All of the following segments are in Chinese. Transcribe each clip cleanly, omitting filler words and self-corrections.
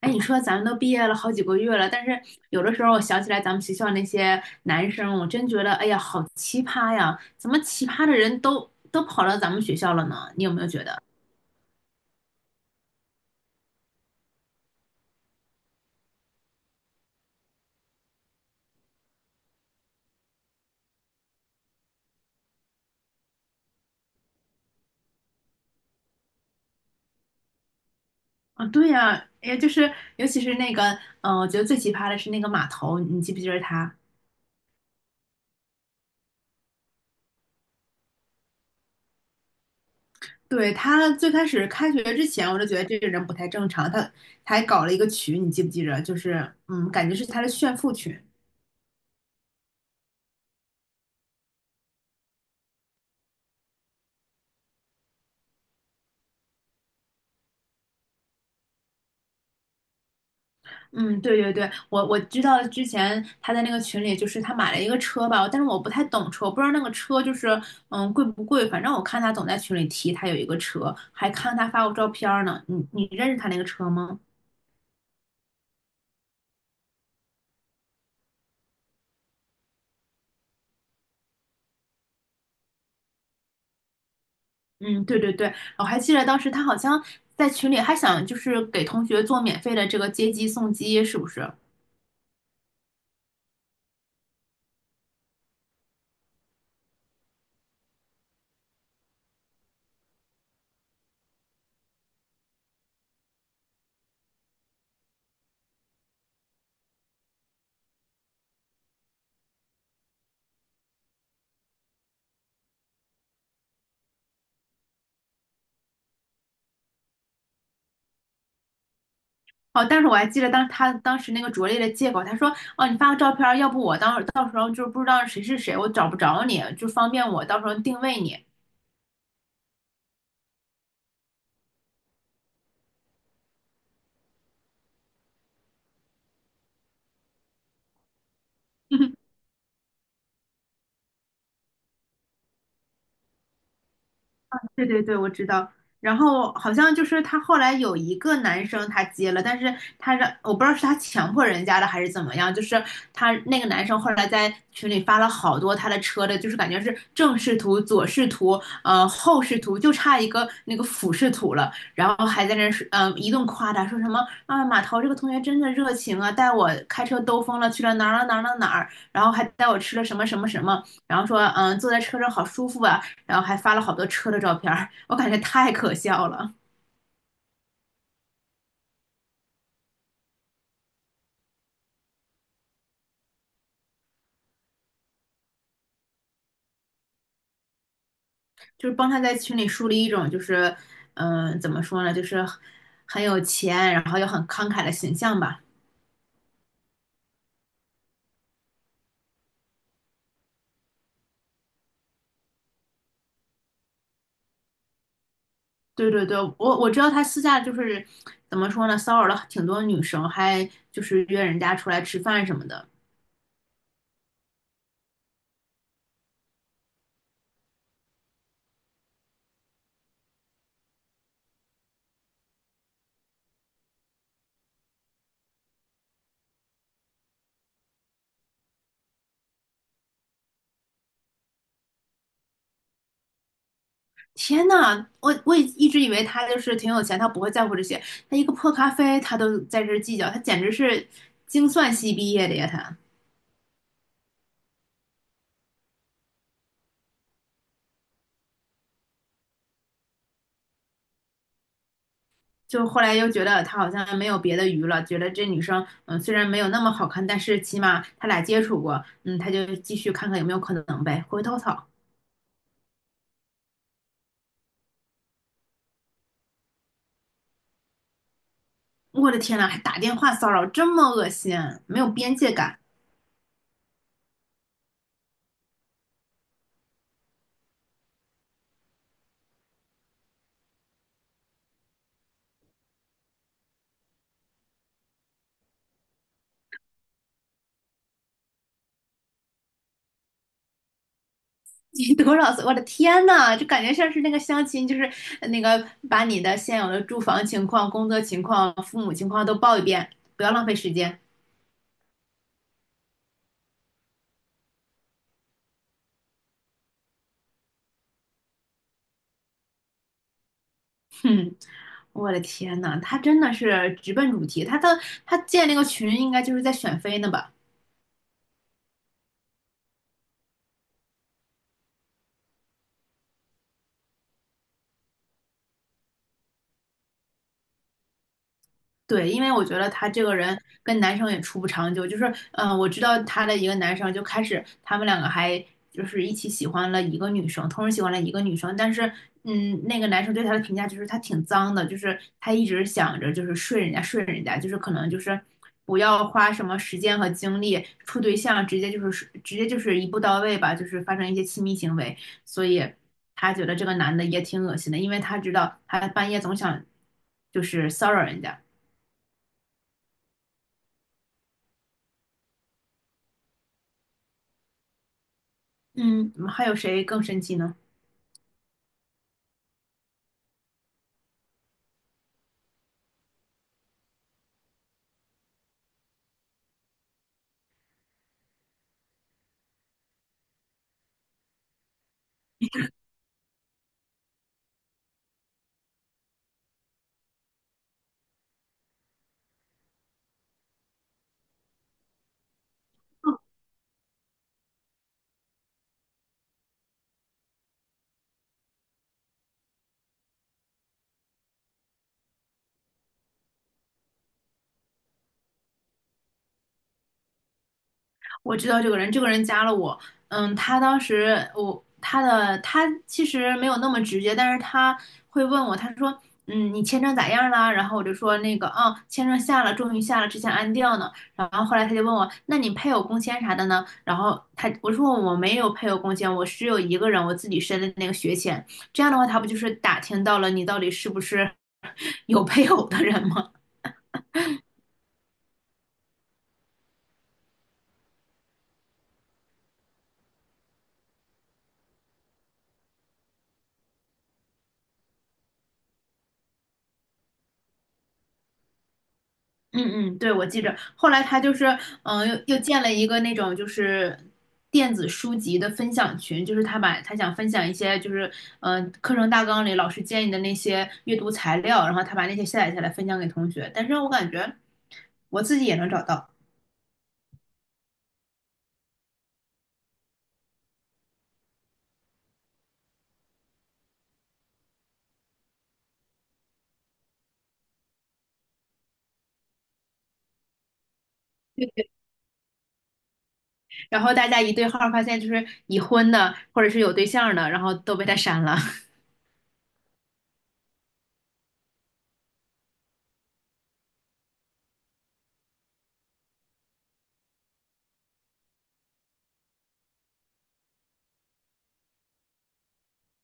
哎，你说咱们都毕业了好几个月了，但是有的时候我想起来咱们学校那些男生，我真觉得，哎呀，好奇葩呀！怎么奇葩的人都跑到咱们学校了呢？你有没有觉得？啊，对呀，哎呀，就是尤其是那个，我觉得最奇葩的是那个码头，你记不记得他？对，他最开始开学之前，我就觉得这个人不太正常，他还搞了一个群，你记不记得？就是，感觉是他的炫富群。嗯，对对对，我知道之前他在那个群里，就是他买了一个车吧，但是我不太懂车，我不知道那个车就是贵不贵，反正我看他总在群里提他有一个车，还看他发过照片儿呢。你认识他那个车吗？嗯，对对对，我还记得当时他好像在群里还想就是给同学做免费的这个接机送机，是不是？哦，但是我还记得当他当时那个拙劣的借口，他说：“哦，你发个照片儿，要不我当到时候就不知道谁是谁，我找不着你，就方便我到时候定位你。对对对，我知道。然后好像就是他后来有一个男生他接了，但是他让我不知道是他强迫人家的还是怎么样，就是他那个男生后来在群里发了好多他的车的，就是感觉是正视图、左视图、后视图，就差一个那个俯视图了。然后还在那儿说一顿夸他，说什么啊马涛这个同学真的热情啊，带我开车兜风了，去了哪儿哪儿哪儿哪儿哪儿，然后还带我吃了什么什么什么，然后说坐在车上好舒服啊，然后还发了好多车的照片儿，我感觉太可笑了。就是帮他在群里树立一种就是，怎么说呢，就是很有钱，然后又很慷慨的形象吧。对对对，我知道他私下就是怎么说呢，骚扰了挺多女生，还就是约人家出来吃饭什么的。天呐，我也一直以为他就是挺有钱，他不会在乎这些。他一个破咖啡，他都在这儿计较，他简直是精算系毕业的呀！他就后来又觉得他好像没有别的鱼了，觉得这女生虽然没有那么好看，但是起码他俩接触过，嗯，他就继续看看有没有可能呗。回头草，我的天呐，还打电话骚扰，这么恶心，没有边界感。你多少岁？我的天呐，就感觉像是那个相亲，就是那个把你的现有的住房情况、工作情况、父母情况都报一遍，不要浪费时间。哼，我的天呐，他真的是直奔主题。他建那个群，应该就是在选妃呢吧？对，因为我觉得他这个人跟男生也处不长久，就是，我知道他的一个男生就开始，他们两个还就是一起喜欢了一个女生，同时喜欢了一个女生，但是，嗯，那个男生对他的评价就是他挺脏的，就是他一直想着就是睡人家睡人家，就是可能就是不要花什么时间和精力处对象，直接就是一步到位吧，就是发生一些亲密行为，所以他觉得这个男的也挺恶心的，因为他知道他半夜总想就是骚扰人家。嗯，还有谁更生气呢？我知道这个人，这个人加了我。嗯，他当时我他的他其实没有那么直接，但是他会问我，他说：“嗯，你签证咋样啦？”然后我就说：“那个，啊，签证下了，终于下了，之前安掉呢。”然后后来他就问我：“那你配偶工签啥的呢？”然后我说：“我没有配偶工签，我只有一个人，我自己申的那个学签。这样的话，他不就是打听到了你到底是不是 有配偶的人吗？”嗯嗯，对，我记着。后来他就是，嗯、又建了一个那种就是电子书籍的分享群，就是他把他想分享一些就是，课程大纲里老师建议的那些阅读材料，然后他把那些下载下来分享给同学。但是我感觉我自己也能找到，然后大家一对号儿发现，就是已婚的或者是有对象儿的，然后都被他删了。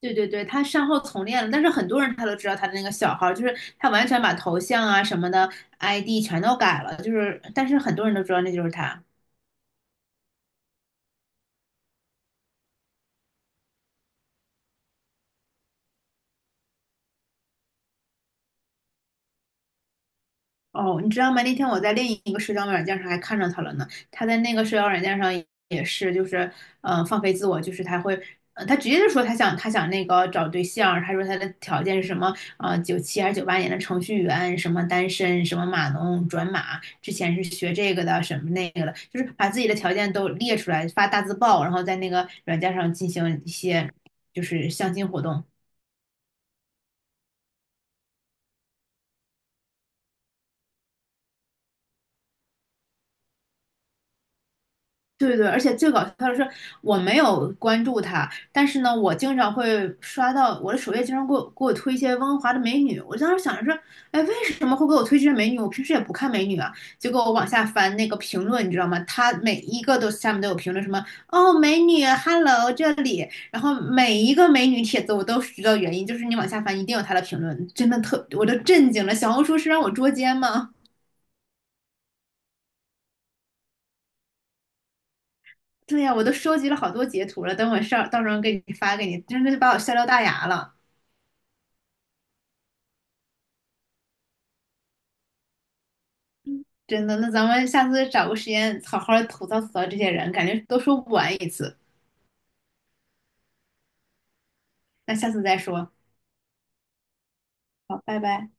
对对对，他善后从练了，但是很多人他都知道他的那个小号，就是他完全把头像啊什么的 ID 全都改了，就是但是很多人都知道那就是他。哦，你知道吗？那天我在另一个社交软件上还看着他了呢。他在那个社交软件上也是，就是放飞自我，就是他会，呃，他直接就说他想那个找对象，他说他的条件是什么？呃，九七还是九八年的程序员，什么单身，什么码农转码，之前是学这个的，什么那个的，就是把自己的条件都列出来，发大字报，然后在那个软件上进行一些就是相亲活动。对对，而且最搞笑的是，我没有关注他，但是呢，我经常会刷到我的首页，经常给我推一些温哥华的美女。我当时想着说，哎，为什么会给我推这些美女？我平时也不看美女啊。结果我往下翻那个评论，你知道吗？他每一个都下面都有评论，什么哦，美女，hello 这里，然后每一个美女帖子我都知道原因，就是你往下翻一定有他的评论，真的特，我都震惊了。小红书是让我捉奸吗？对呀，我都收集了好多截图了，等我上到时候给你发给你，真的就把我笑掉大牙了，真的。那咱们下次找个时间好好吐槽吐槽这些人，感觉都说不完一次。那下次再说，好，拜拜。